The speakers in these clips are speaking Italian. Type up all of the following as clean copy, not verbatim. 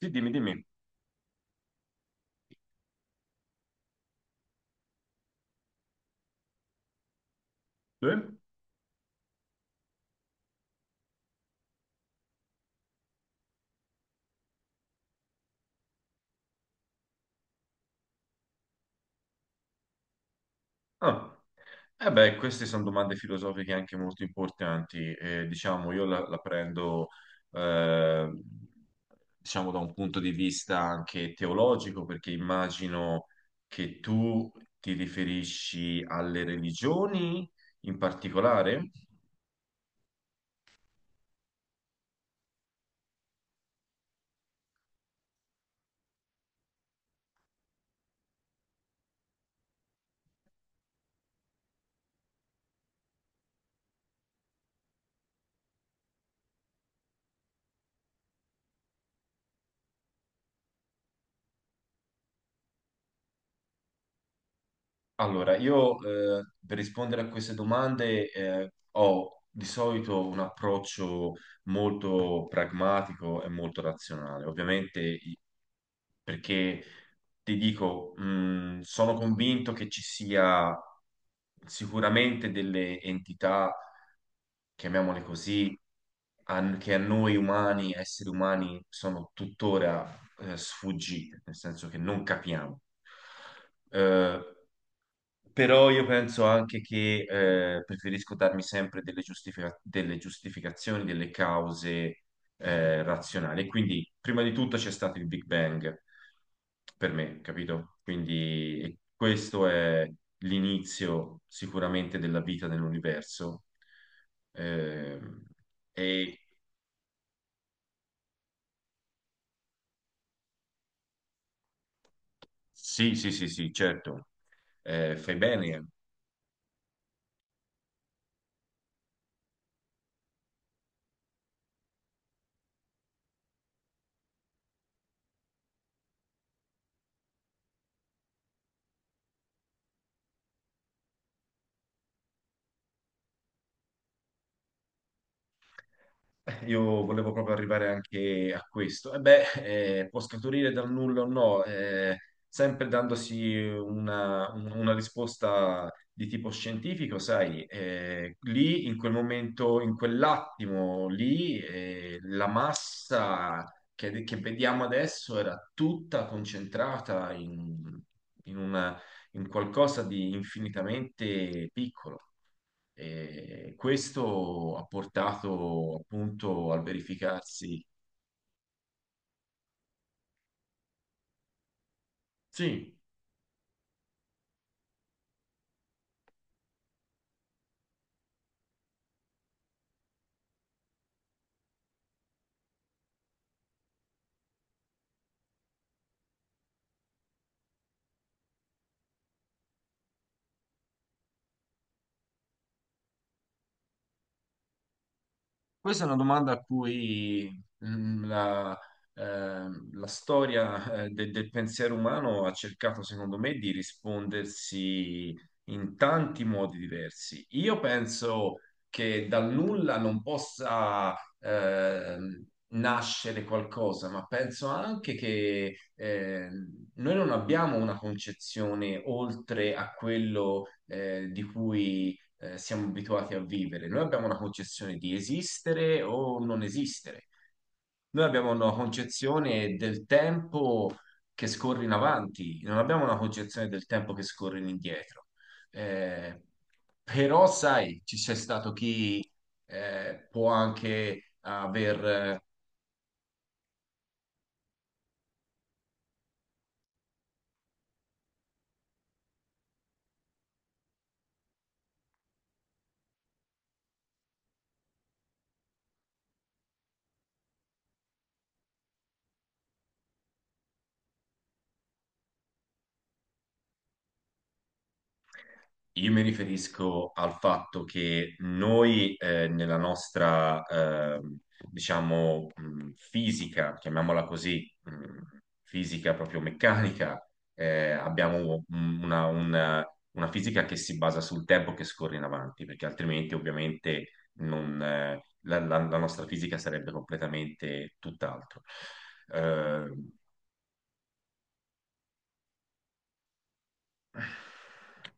Sì, dimmi, dimmi. Eh? Ah. Eh beh, queste sono domande filosofiche anche molto importanti. Diciamo, io la prendo, eh, diciamo, da un punto di vista anche teologico, perché immagino che tu ti riferisci alle religioni in particolare. Allora, io per rispondere a queste domande ho di solito un approccio molto pragmatico e molto razionale. Ovviamente, perché ti dico, sono convinto che ci sia sicuramente delle entità, chiamiamole così, che a noi umani, esseri umani, sono tuttora sfuggite, nel senso che non capiamo. Eh, però io penso anche che preferisco darmi sempre delle giustificazioni, delle cause razionali. E quindi, prima di tutto c'è stato il Big Bang per me, capito? Quindi e questo è l'inizio sicuramente della vita nell'universo. Ehm, e sì, sì, sì, sì, certo. Fai bene. Io volevo proprio arrivare anche a questo. E beh, può scaturire dal nulla o no, sempre dandosi una risposta di tipo scientifico, sai, lì in quel momento, in quell'attimo lì, la massa che vediamo adesso era tutta concentrata in, in una- in qualcosa di infinitamente piccolo. E questo ha portato appunto al verificarsi. Sì. Questa è una domanda a cui mm, la, la storia del pensiero umano ha cercato, secondo me, di rispondersi in tanti modi diversi. Io penso che dal nulla non possa ehm, nascere qualcosa, ma penso anche che noi non abbiamo una concezione oltre a quello di cui siamo abituati a vivere. Noi abbiamo una concezione di esistere o non esistere. Noi abbiamo una concezione del tempo che scorre in avanti, non abbiamo una concezione del tempo che scorre in indietro. Eh, però, sai, ci c'è stato chi può anche aver... Io mi riferisco al fatto che noi nella nostra, diciamo, fisica, chiamiamola così, fisica proprio meccanica, abbiamo una fisica che si basa sul tempo che scorre in avanti, perché altrimenti ovviamente non, la nostra fisica sarebbe completamente tutt'altro. Eh,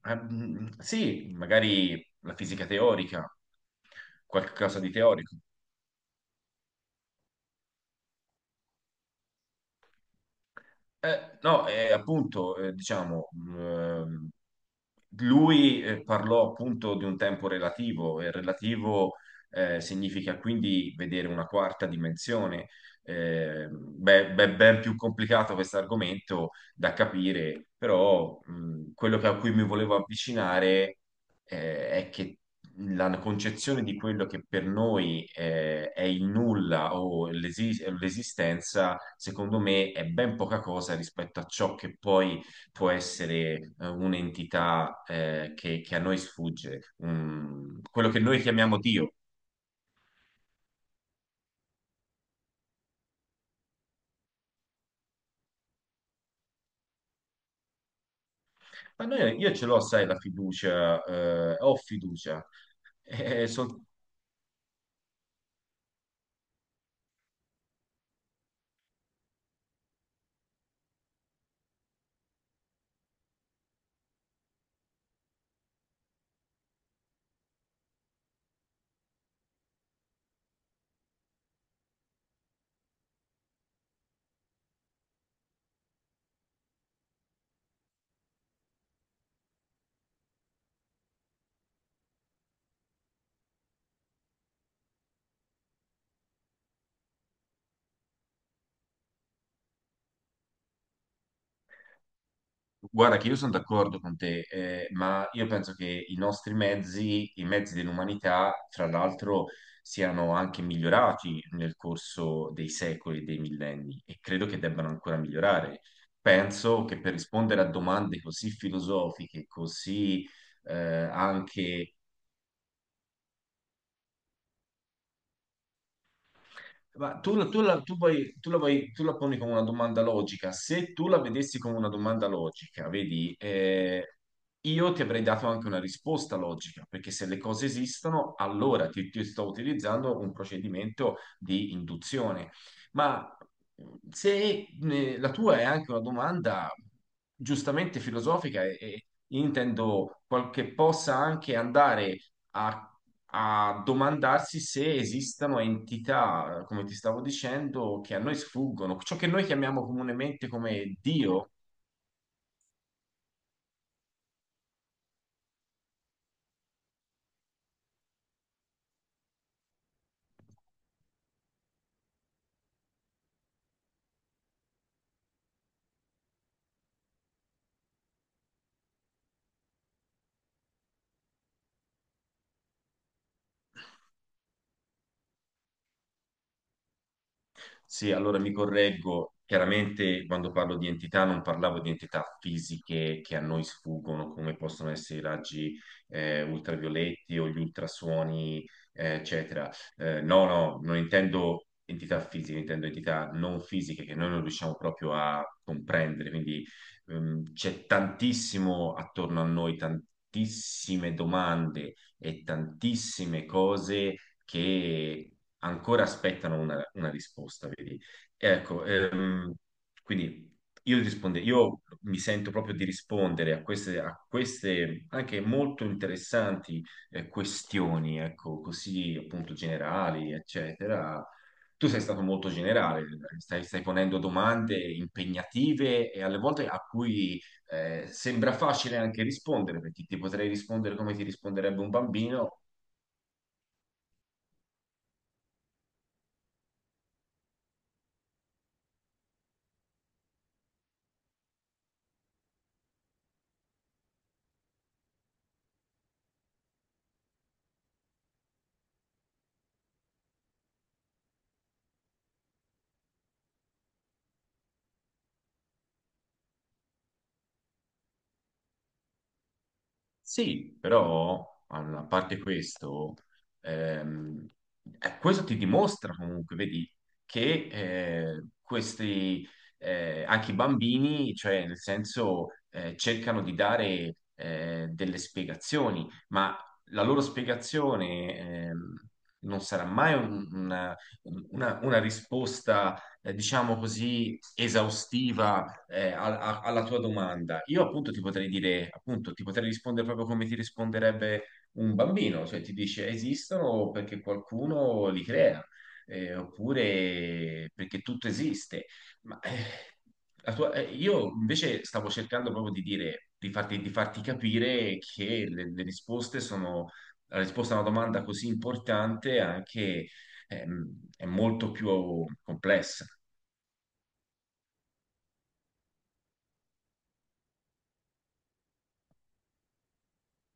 Ah, mm, sì, magari la fisica teorica, qualcosa di teorico. No, appunto, diciamo, lui parlò appunto di un tempo relativo e relativo significa quindi vedere una quarta dimensione. Beh, beh, ben più complicato questo argomento da capire, però quello a cui mi volevo avvicinare è che la concezione di quello che per noi è il nulla o l'esistenza, secondo me, è ben poca cosa rispetto a ciò che poi può essere un'entità che a noi sfugge, quello che noi chiamiamo Dio. Ma io ce l'ho, sai, la fiducia, ho fiducia. Eh, sol- Guarda che io sono d'accordo con te, ma io penso che i nostri mezzi, i mezzi dell'umanità, fra l'altro, siano anche migliorati nel corso dei secoli e dei millenni e credo che debbano ancora migliorare. Penso che per rispondere a domande così filosofiche, così eh, anche... Ma tu, la- tu la, tu vuoi- tu la poni come una domanda logica. Se tu la vedessi come una domanda logica, vedi, io ti avrei dato anche una risposta logica, perché se le cose esistono, allora ti sto utilizzando un procedimento di induzione. Ma se la tua è anche una domanda giustamente filosofica e intendo che possa anche andare a, a domandarsi se esistano entità, come ti stavo dicendo, che a noi sfuggono, ciò che noi chiamiamo comunemente come Dio. Sì, allora mi correggo. Chiaramente quando parlo di entità non parlavo di entità fisiche che a noi sfuggono, come possono essere i raggi ultravioletti o gli ultrasuoni, eccetera. No, no, non intendo entità fisiche, intendo entità non fisiche che noi non riusciamo proprio a comprendere. Quindi c'è tantissimo attorno a noi, tantissime domande e tantissime cose che ancora aspettano una risposta, vedi? Ecco, quindi io mi sento proprio di rispondere a queste anche molto interessanti questioni, ecco, così appunto generali, eccetera. Tu sei stato molto generale, stai ponendo domande impegnative e alle volte a cui sembra facile anche rispondere, perché ti potrei rispondere come ti risponderebbe un bambino. Sì, però allora, a parte questo, ehm, questo ti dimostra comunque, vedi, che eh, questi, anche i bambini, cioè nel senso, cercano di dare delle spiegazioni, ma la loro spiegazione non sarà mai una risposta, diciamo così, esaustiva alla tua domanda, io appunto ti potrei dire, appunto, ti potrei rispondere proprio come ti risponderebbe un bambino, cioè ti dice esistono perché qualcuno li crea, oppure perché tutto esiste. Ma io invece stavo cercando proprio di dire, di farti capire che le risposte sono, la risposta a una domanda così importante anche è molto più complessa.